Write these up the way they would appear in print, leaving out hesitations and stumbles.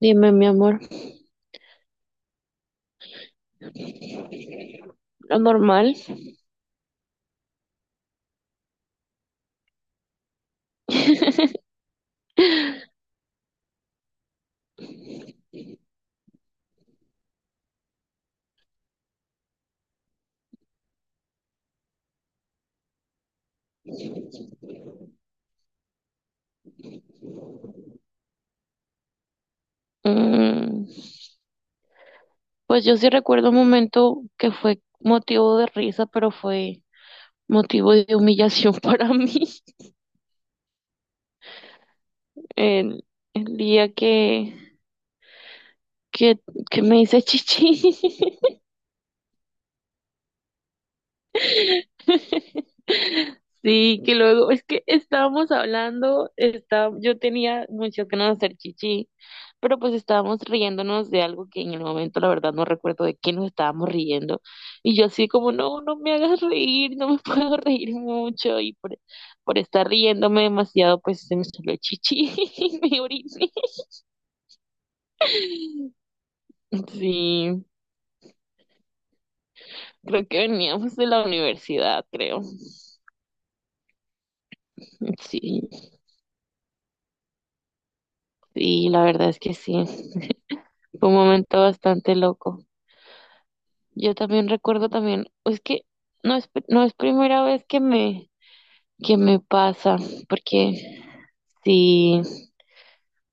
Dime, mi amor, lo normal. Mm, pues yo sí recuerdo un momento que fue motivo de risa, pero fue motivo de humillación para mí. El, el día que, que me hice chichi. Sí, que luego, es que estábamos hablando, está, yo tenía muchas ganas de hacer chichi, pero pues estábamos riéndonos de algo que en el momento la verdad no recuerdo de qué nos estábamos riendo. Y yo así como, no, no me hagas reír, no me puedo reír mucho. Y por estar riéndome demasiado, pues se me salió chichi y me oriné. Sí, creo que veníamos de la universidad, creo. Sí, sí, la verdad es que sí, fue un momento bastante loco. Yo también recuerdo también, es que no es, no es primera vez que que me pasa, porque sí,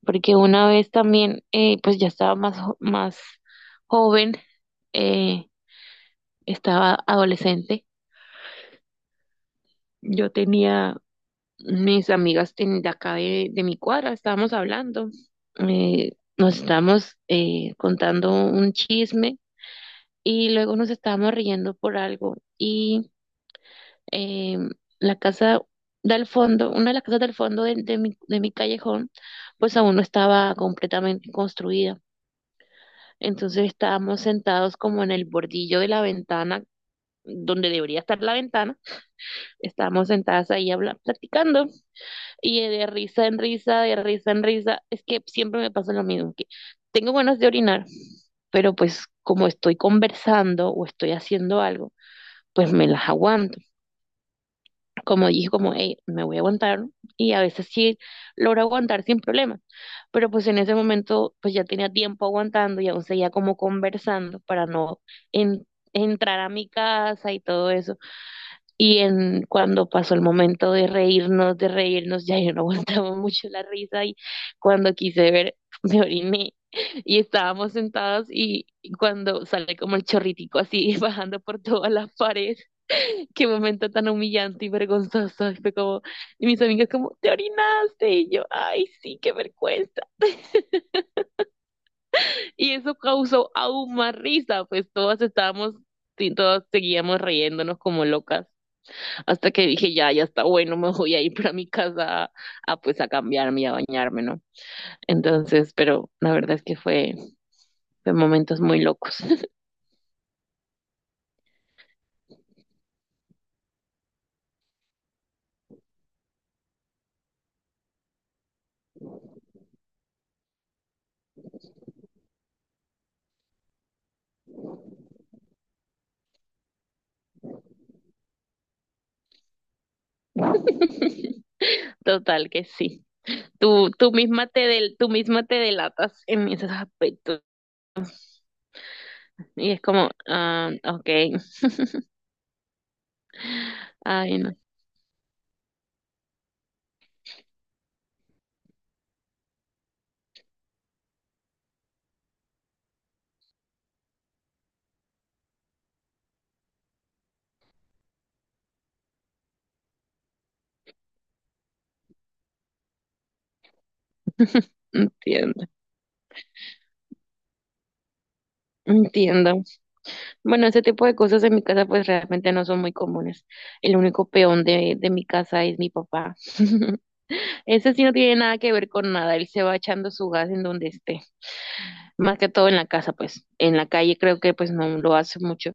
porque una vez también, pues ya estaba más, más joven, eh, estaba adolescente, yo tenía, mis amigas de acá de mi cuadra, estábamos hablando, nos estábamos contando un chisme y luego nos estábamos riendo por algo, eh, la casa del fondo, una de las casas del fondo de mi, de mi callejón, pues aún no estaba completamente construida. Entonces estábamos sentados como en el bordillo de la ventana, donde debería estar la ventana. Estábamos sentadas ahí platicando y de risa en risa, de risa en risa. Es que siempre me pasa lo mismo, que tengo ganas de orinar, pero pues como estoy conversando o estoy haciendo algo, pues me las aguanto. Como dije, como, hey, me voy a aguantar, y a veces sí logro aguantar sin problema, pero pues en ese momento pues ya tenía tiempo aguantando y aún seguía como conversando para no en- entrar a mi casa y todo eso. Y en cuando pasó el momento de reírnos, ya yo no aguantaba mucho la risa y cuando quise ver, me oriné. Y estábamos sentados y cuando sale como el chorritico así bajando por todas las paredes, qué momento tan humillante y vergonzoso. Y fue como, y mis amigas como, te orinaste. Y yo, ay, sí, qué vergüenza. Y eso causó aún más risa, pues todas estábamos, sí, todas seguíamos riéndonos como locas. Hasta que dije, ya, ya está bueno, me voy a ir para mi casa a, pues a cambiarme y a bañarme, ¿no? Entonces, pero la verdad es que fue, fue momentos muy locos. Total que sí. Tú misma te del, tú misma te delatas en esos aspectos. Y es como, ah, ok, ay, no, entiendo, entiendo. Bueno, ese tipo de cosas en mi casa pues realmente no son muy comunes. El único peón de mi casa es mi papá. Ese sí no tiene nada que ver con nada, él se va echando su gas en donde esté. Más que todo en la casa, pues. En la calle creo que pues no lo hace mucho,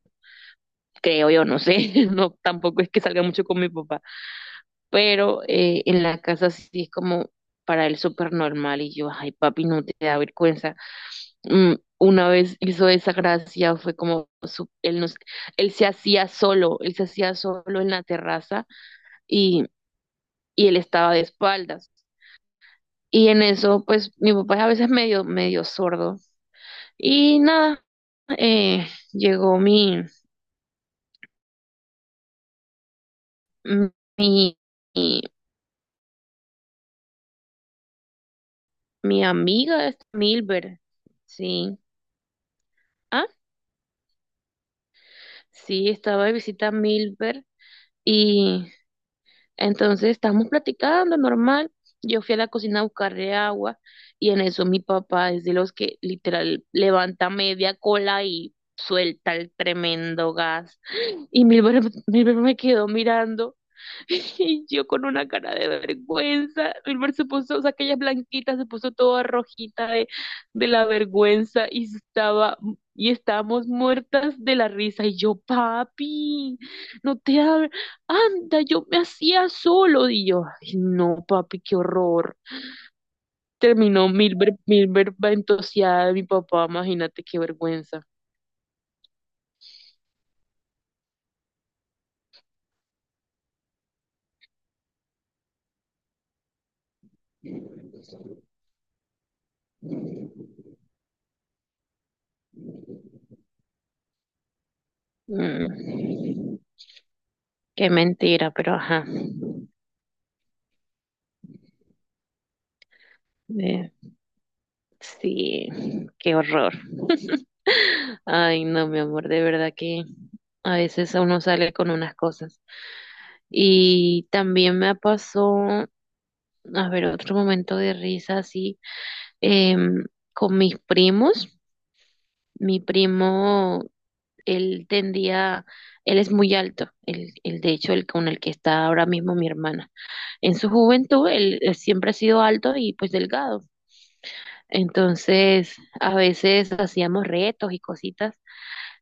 creo yo, no sé, no, tampoco es que salga mucho con mi papá. Pero en la casa sí es como para él súper normal y yo, ay papi, no te da vergüenza. Mm, una vez hizo esa gracia, fue como, él, nos, él se hacía solo, él se hacía solo en la terraza y, y él estaba de espaldas. Y en eso, pues mi papá es a veces medio, medio sordo. Y nada, eh, llegó mi, mi, mi amiga, Milber, sí. Sí, estaba de visita a Milver y entonces estábamos platicando normal. Yo fui a la cocina a buscarle agua y en eso mi papá es de los que literal levanta media cola y suelta el tremendo gas. Y Milver me quedó mirando. Y yo con una cara de vergüenza, Wilmer se puso, o sea, aquella blanquita se puso toda rojita de la vergüenza y estaba, y estábamos muertas de la risa. Y yo, papi, no te abres, anda, yo me hacía solo. Y yo, ay, no, papi, qué horror. Terminó Milber ventoseada de mi papá, imagínate qué vergüenza. Mm, qué mentira, pero ajá. Eh, sí, qué horror. Ay, no, mi amor, de verdad que a veces uno sale con unas cosas. Y también me pasó, a ver, otro momento de risa así, em, con mis primos. Mi primo, él tendía, él es muy alto, el, de hecho, el con el que está ahora mismo mi hermana. En su juventud, él siempre ha sido alto y pues delgado. Entonces, a veces hacíamos retos y cositas.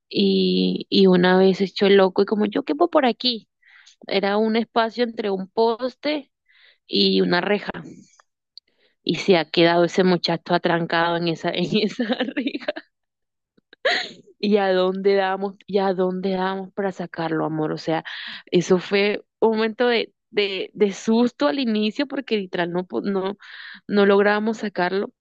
Y una vez hecho el loco y como yo quepo por aquí, era un espacio entre un poste y una reja. Y se ha quedado ese muchacho atrancado en esa, en esa reja. ¿Y a dónde damos, y a dónde damos para sacarlo, amor? O sea, eso fue un momento de susto al inicio porque literal no, no, no lográbamos sacarlo.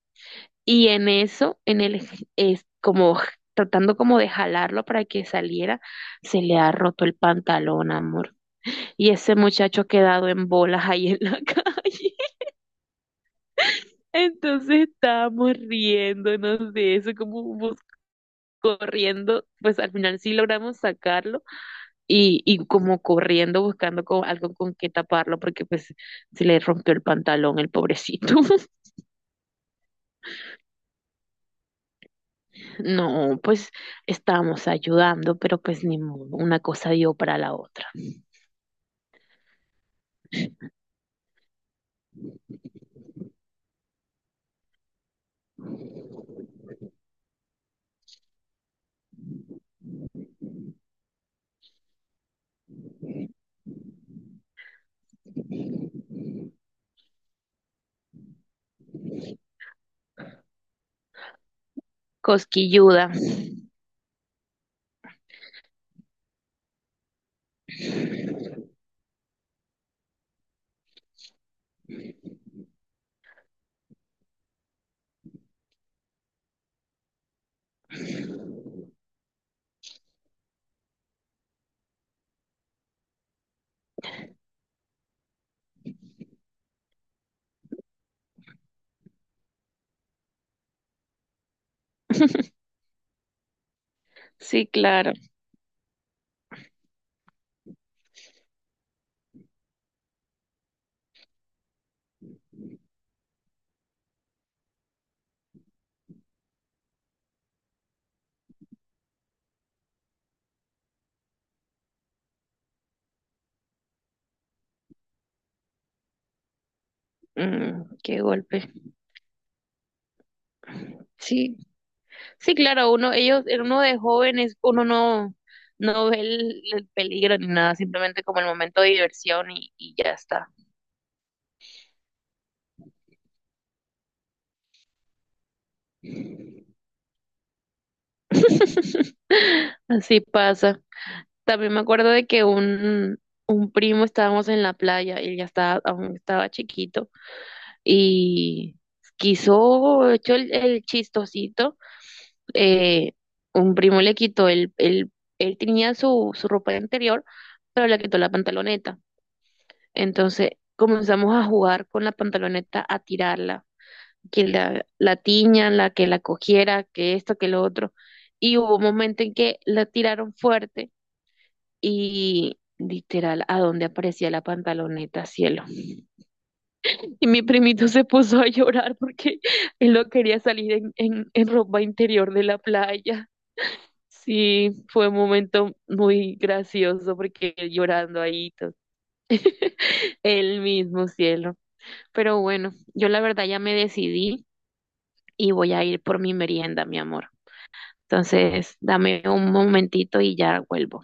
Y en eso, en el, es como tratando como de jalarlo para que saliera, se le ha roto el pantalón, amor. Y ese muchacho ha quedado en bolas ahí en la calle. Entonces estábamos riéndonos de eso, como corriendo, pues al final sí logramos sacarlo y como corriendo buscando algo con que taparlo porque pues se le rompió el pantalón el pobrecito. No, pues estábamos ayudando, pero pues ni modo, una cosa dio para la otra. Cosquilluda. Sí, claro. Mm, qué golpe. Sí, sí, claro, uno, ellos, uno de jóvenes, uno no, no ve el peligro ni nada, simplemente como el momento de diversión y ya está. Así pasa. También me acuerdo de que un primo estábamos en la playa, él ya estaba, aún estaba chiquito, y quiso, echó el chistosito, eh, un primo le quitó el, él tenía su, su ropa interior, pero le quitó la pantaloneta. Entonces comenzamos a jugar con la pantaloneta, a tirarla, que la tiñan, la que la cogiera, que esto, que lo otro. Y hubo un momento en que la tiraron fuerte y literal, a donde aparecía la pantaloneta, cielo. Y mi primito se puso a llorar porque él no quería salir en ropa interior de la playa. Sí, fue un momento muy gracioso porque él llorando ahí, todo. Él mismo, cielo. Pero bueno, yo la verdad ya me decidí y voy a ir por mi merienda, mi amor. Entonces, dame un momentito y ya vuelvo.